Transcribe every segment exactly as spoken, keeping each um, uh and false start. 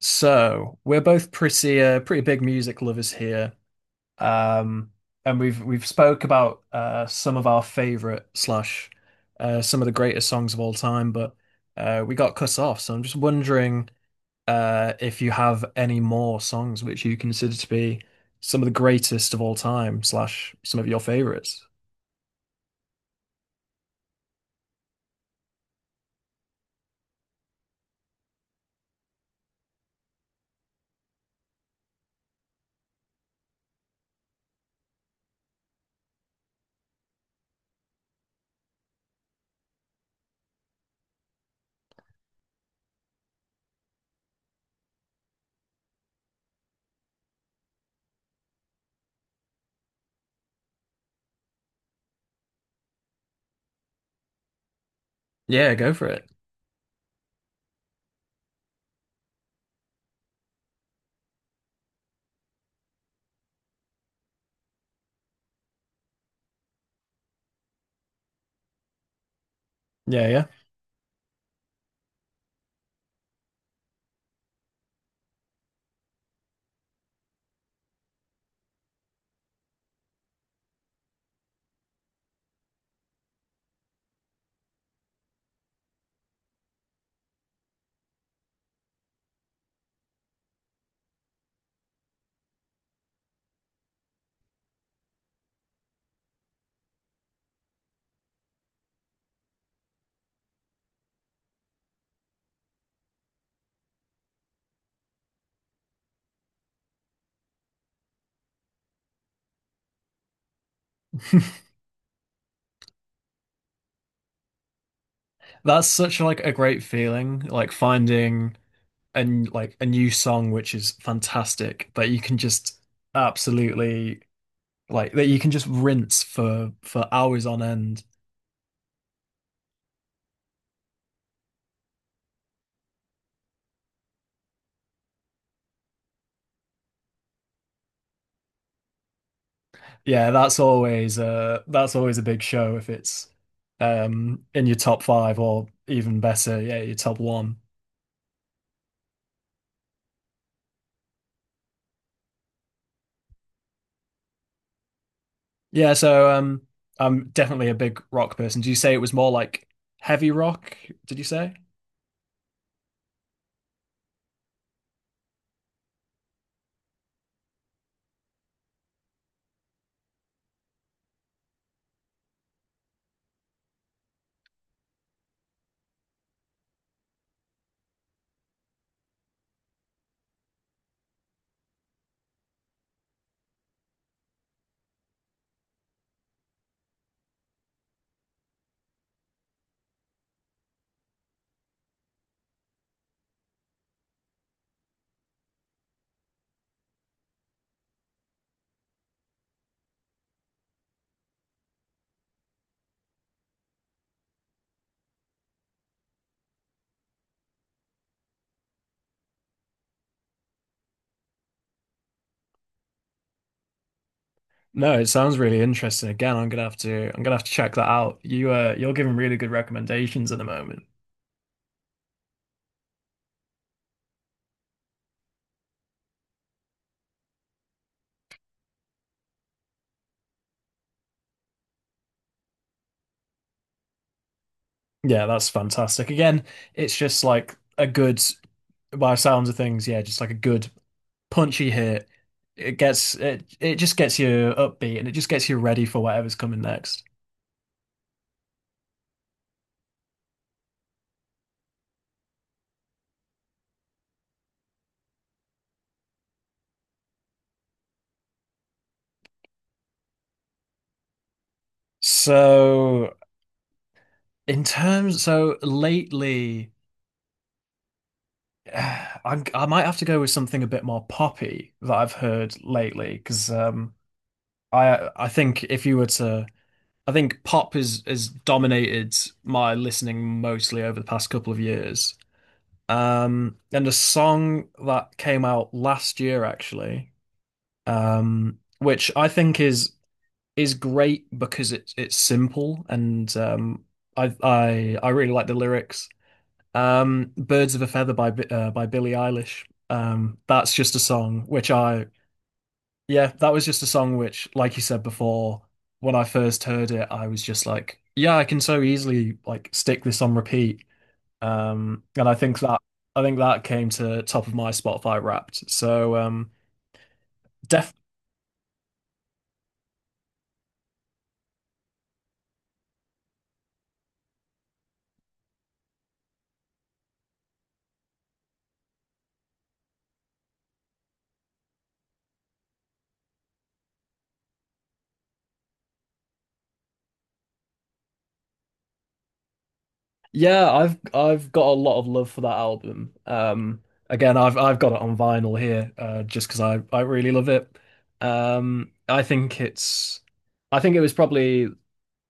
So we're both pretty uh, pretty big music lovers here, um, and we've we've spoke about uh, some of our favorite slash uh, some of the greatest songs of all time, but uh, we got cut off. So I'm just wondering uh, if you have any more songs which you consider to be some of the greatest of all time slash some of your favorites. Yeah, go for it. Yeah, yeah. That's such like a great feeling, like finding. and like a new song which is fantastic that you can just absolutely like that you can just rinse for for hours on end. Yeah, that's always uh that's always a big show if it's um in your top five or even better, yeah, your top one. Yeah, so um I'm definitely a big rock person. Do you say it was more like heavy rock, did you say? No, it sounds really interesting. Again, I'm gonna have to I'm gonna have to check that out. You uh you're giving really good recommendations at the moment. Yeah, that's fantastic. Again, it's just like a good, by sounds of things, yeah, just like a good punchy hit. It gets it it just gets you upbeat and it just gets you ready for whatever's coming next. So in terms, so lately, I'm I might have to go with something a bit more poppy that I've heard lately because um I I think if you were to I think pop is is dominated my listening mostly over the past couple of years. Um, and a song that came out last year actually, um, which I think is is great because it's it's simple and um, I I I really like the lyrics. Um, Birds of a Feather by Bi- uh, by Billie Eilish. Um, that's just a song which I, yeah, that was just a song which, like you said before, when I first heard it, I was just like, yeah, I can so easily like stick this on repeat. Um, and I think that I think that came to top of my Spotify Wrapped. So um, def Yeah, I've I've got a lot of love for that album. Um, again, I've I've got it on vinyl here, uh, just because I I really love it. Um, I think it's I think it was probably,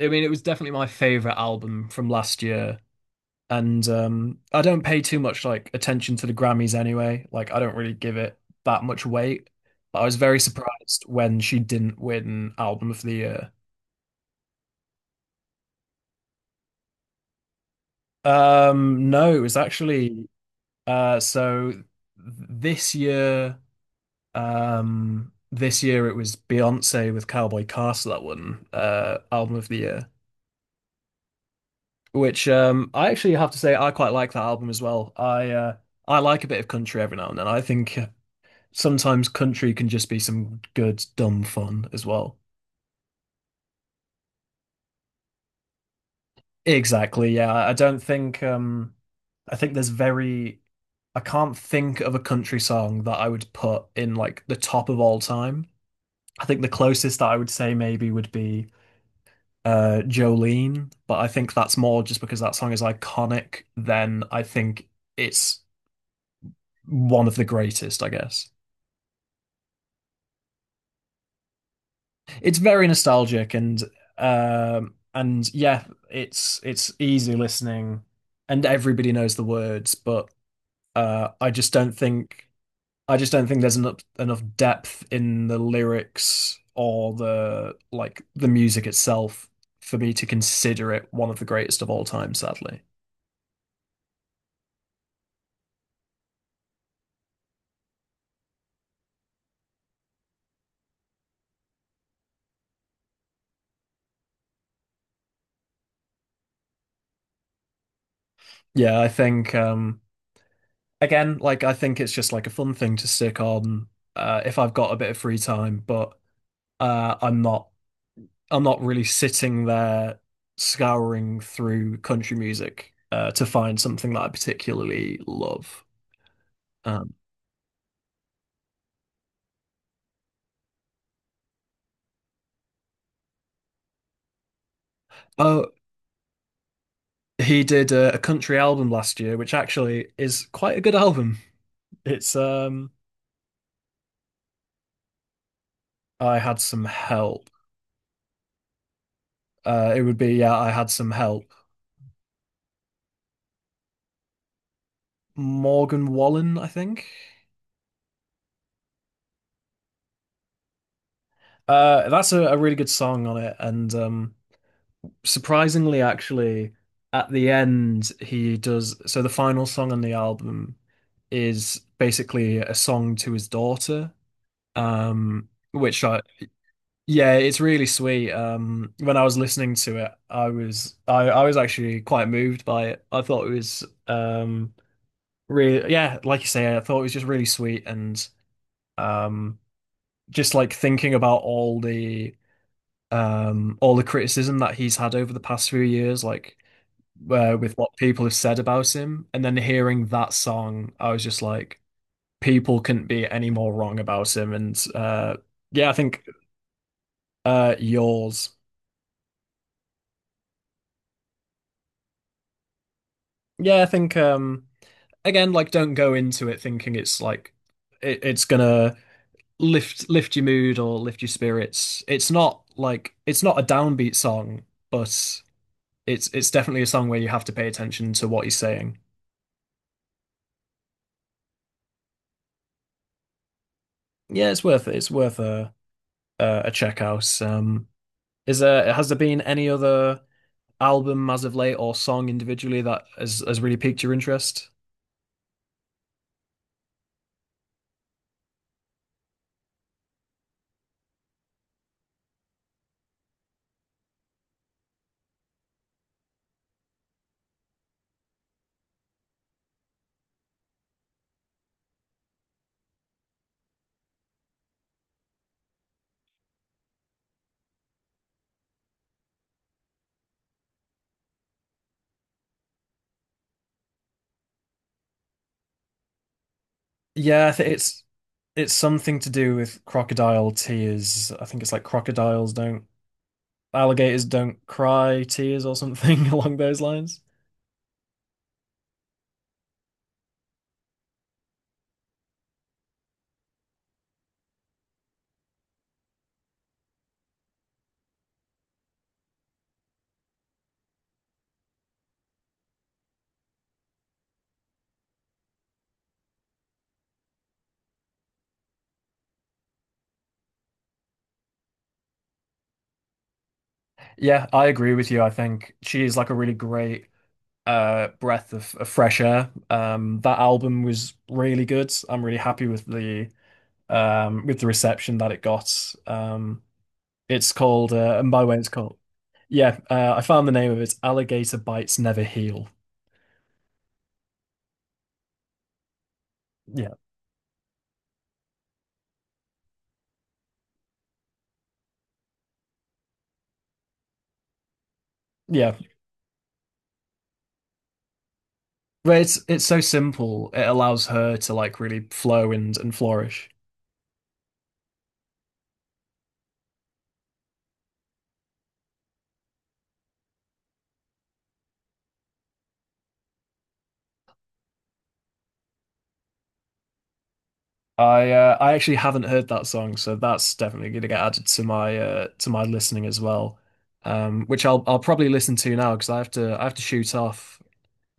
I mean it was definitely my favorite album from last year. And um, I don't pay too much like attention to the Grammys anyway. Like I don't really give it that much weight. But I was very surprised when she didn't win Album of the Year. Um, no, it was actually, uh, so th- this year. Um, this year it was Beyonce with Cowboy Castle that won uh, Album of the Year, which um, I actually have to say I quite like that album as well. I uh, I like a bit of country every now and then. I think sometimes country can just be some good dumb fun as well. Exactly, yeah. I don't think um I think there's very, I can't think of a country song that I would put in like the top of all time. I think the closest that I would say maybe would be uh Jolene, but I think that's more just because that song is iconic than I think it's one of the greatest, I guess. It's very nostalgic and um and yeah, it's it's easy listening and everybody knows the words, but uh I just don't think I just don't think there's enough enough depth in the lyrics or the like the music itself for me to consider it one of the greatest of all time, sadly. Yeah, I think um again, like I think it's just like a fun thing to stick on uh if I've got a bit of free time, but uh I'm not I'm not really sitting there scouring through country music uh, to find something that I particularly love. Um, oh, he did a, a country album last year, which actually is quite a good album. It's um, I had some help. Uh, it would be yeah, I had some help. Morgan Wallen, I think. Uh, that's a, a really good song on it, and um, surprisingly, actually, at the end, he does. So the final song on the album is basically a song to his daughter, um, which I, yeah, it's really sweet. Um, when I was listening to it, I was, I, I was actually quite moved by it. I thought it was, um, really, yeah, like you say, I thought it was just really sweet and, um, just like thinking about all the, um, all the criticism that he's had over the past few years, like uh, with what people have said about him. And then hearing that song, I was just like, people couldn't be any more wrong about him. And uh, yeah, I think, uh, yours. Yeah, I think um, again, like, don't go into it thinking it's like it, it's gonna lift lift your mood or lift your spirits. It's not like it's not a downbeat song, but it's it's definitely a song where you have to pay attention to what he's saying. Yeah, it's worth it. It's worth a a, a check out. Um, Is there has there been any other album as of late or song individually that has has really piqued your interest? Yeah, I think it's it's something to do with crocodile tears. I think it's like crocodiles don't alligators don't cry tears or something along those lines. Yeah, I agree with you. I think she is like a really great uh breath of, of fresh air. Um, that album was really good. I'm really happy with the um with the reception that it got. Um, it's called, uh, and by the way, it's called, yeah, uh, I found the name of it. It's Alligator Bites Never Heal. Yeah, yeah. But it's it's so simple. It allows her to like really flow and and flourish. I uh, I actually haven't heard that song, so that's definitely going to get added to my uh, to my listening as well. Um, which I'll I'll probably listen to now because I have to I have to shoot off.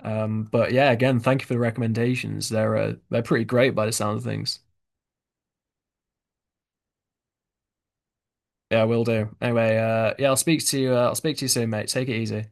Um, but yeah, again, thank you for the recommendations. They're uh, they're pretty great by the sound of things. Yeah, I will do. Anyway, uh, yeah, I'll speak to you. Uh, I'll speak to you soon, mate. Take it easy.